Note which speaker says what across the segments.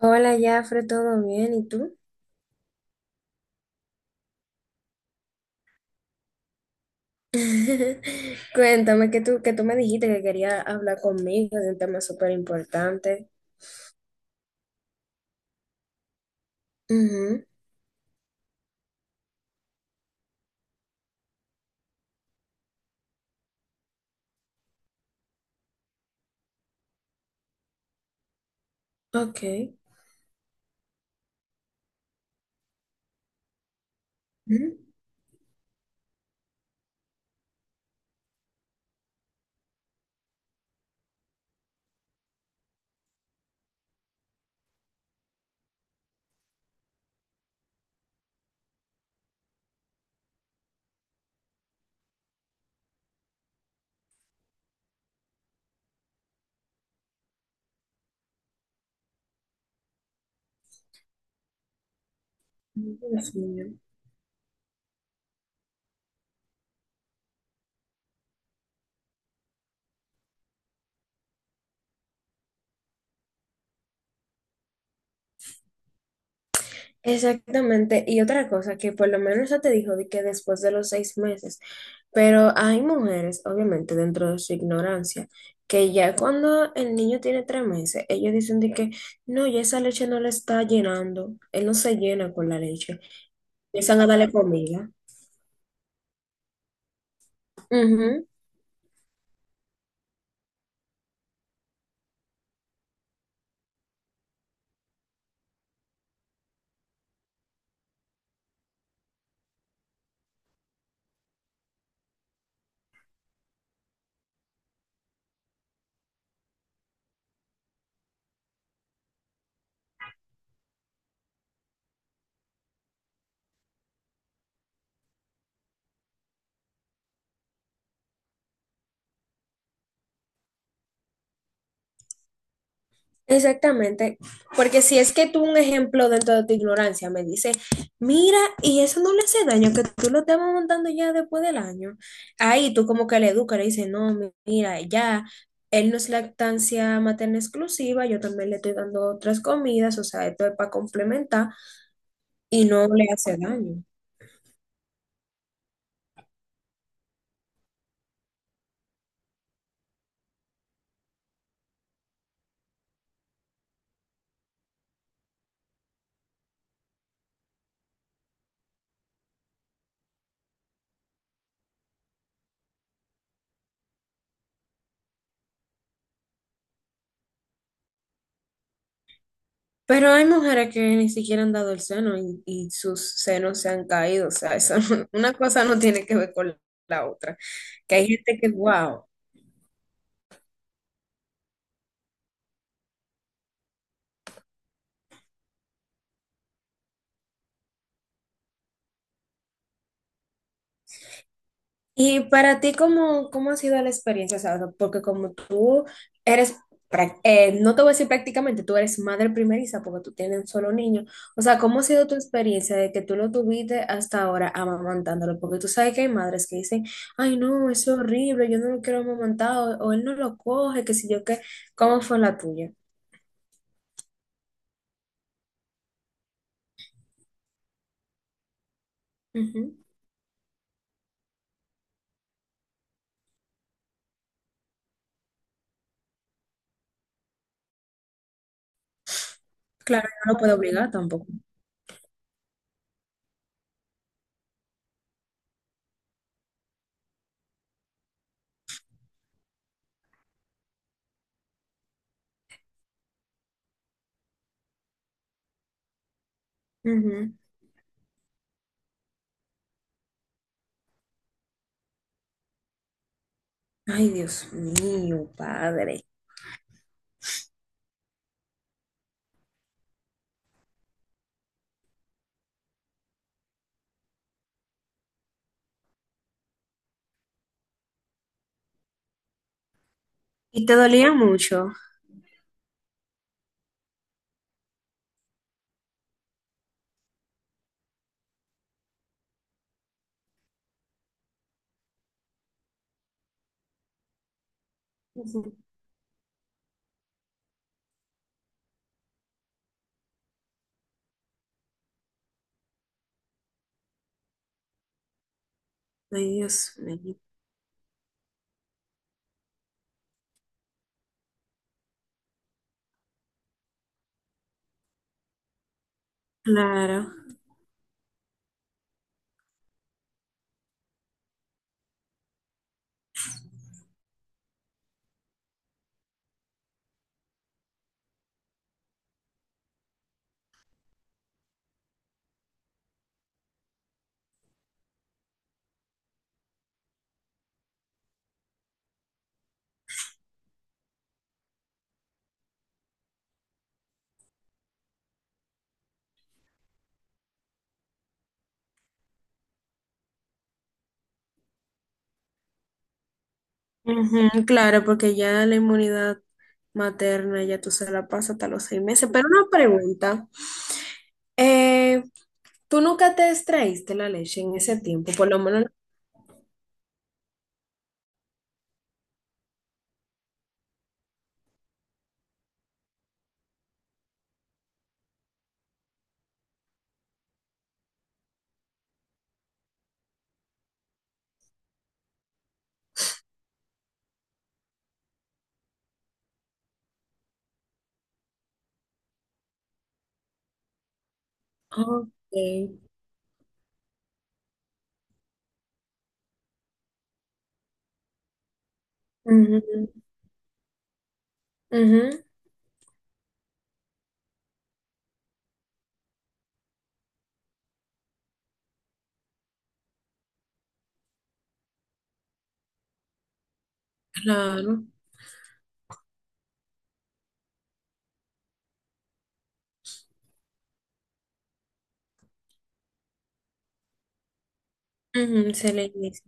Speaker 1: Hola, Jafre, ¿todo bien? ¿Y tú? Cuéntame que tú me dijiste que querías hablar conmigo de un tema súper importante. Ujú. Ok. Ujú. Dios mío. Exactamente. Y otra cosa que por lo menos ya te dijo de que después de los 6 meses, pero hay mujeres, obviamente, dentro de su ignorancia, que ya cuando el niño tiene 3 meses, ellos dicen de que no, ya esa leche no le está llenando, él no se llena con la leche. Empiezan a darle comida. Ujú. Exactamente, porque si es que tú un ejemplo dentro de tu ignorancia me dice, mira, y eso no le hace daño, que tú lo estés montando ya después del año, ahí tú como que le educas, le dices, no, mira, ya, él no es lactancia materna exclusiva, yo también le estoy dando otras comidas, o sea, esto es para complementar y no le hace daño. Pero hay mujeres que ni siquiera han dado el seno y sus senos se han caído, o sea, eso, una cosa no tiene que ver con la otra, que hay gente que, wow. Y para ti, ¿cómo, cómo ha sido la experiencia? O sea, porque como tú eres, no te voy a decir prácticamente, tú eres madre primeriza porque tú tienes un solo niño. O sea, ¿cómo ha sido tu experiencia de que tú lo tuviste hasta ahora amamantándolo? Porque tú sabes que hay madres que dicen, ay, no, es horrible, yo no lo quiero amamantar, o él no lo coge, que si yo qué. ¿Cómo fue la tuya? Ujú. Claro, no lo puedo obligar tampoco. Ujú. Ay, Dios mío, padre. ¿Y te dolía mucho? Ujú. Ay, Dios mío. Claro. Ujú, claro, porque ya la inmunidad materna ya tú se la pasas hasta los 6 meses. Pero una pregunta, eh, ¿tú nunca te extraíste la leche en ese tiempo? Por lo menos... Ok. Ujú, ujú, claro. Ujú, se le dice.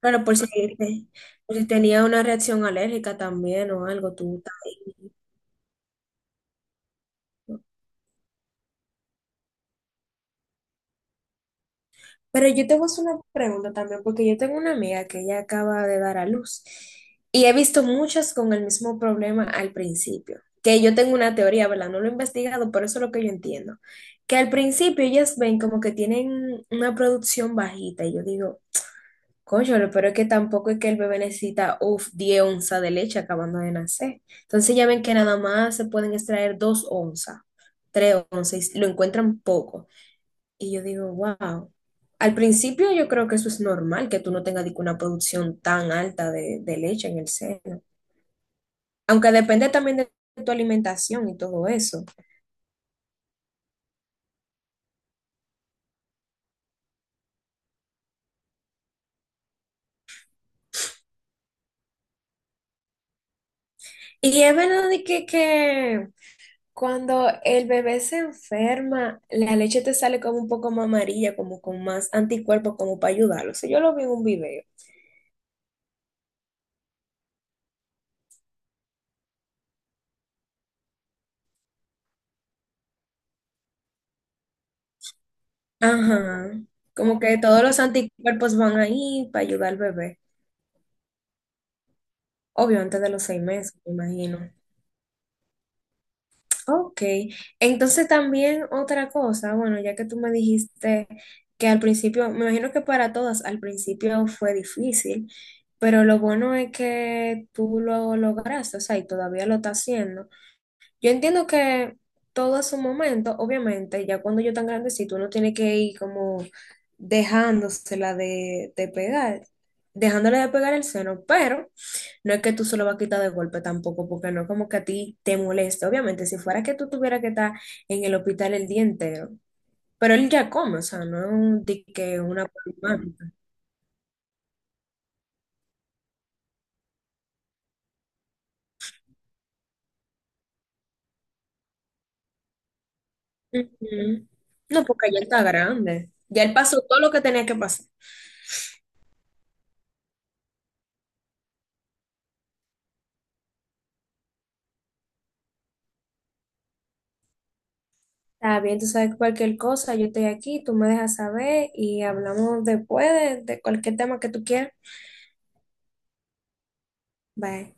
Speaker 1: Pero por si, te- por si tenía una reacción alérgica también o algo, tú... estás ahí. Pero yo te voy a hacer una pregunta también, porque yo tengo una amiga que ella acaba de dar a luz y he visto muchas con el mismo problema al principio, que yo tengo una teoría, ¿verdad? No lo he investigado, pero eso es lo que yo entiendo, que al principio ellas ven como que tienen una producción bajita y yo digo, coño, pero es que tampoco es que el bebé necesita, uff, 10 onzas de leche acabando de nacer. Entonces ya ven que nada más se pueden extraer 2 onzas, 3 onzas, y lo encuentran poco. Y yo digo, wow. Al principio yo creo que eso es normal, que tú no tengas dique, una producción tan alta de leche en el seno. Aunque depende también de tu alimentación y todo eso. Y es verdad de que cuando el bebé se enferma, la leche te sale como un poco más amarilla, como con más anticuerpos, como para ayudarlo. O sea, yo lo vi en un video. Ajá. Como que todos los anticuerpos van ahí para ayudar al bebé. Obvio, antes de los 6 meses, me imagino. Ok, entonces también otra cosa, bueno, ya que tú me dijiste que al principio, me imagino que para todas al principio fue difícil, pero lo bueno es que tú lo lograste, o sea, y todavía lo estás haciendo. Yo entiendo que todo a su momento, obviamente, ya cuando yo tan grandecito, uno tiene que ir como dejándosela de pegar, dejándole de pegar el seno, pero... No es que tú solo vas a quitar de golpe tampoco, porque no es como que a ti te moleste. Obviamente, si fuera que tú tuvieras que estar en el hospital el día entero, pero él ya come, o sea, no es un, di que una problemática. Ujú. No, porque ya está grande. Ya él pasó todo lo que tenía que pasar. Está bien, tú sabes cualquier cosa, yo estoy aquí, tú me dejas saber y hablamos después de cualquier tema que tú quieras. Bye.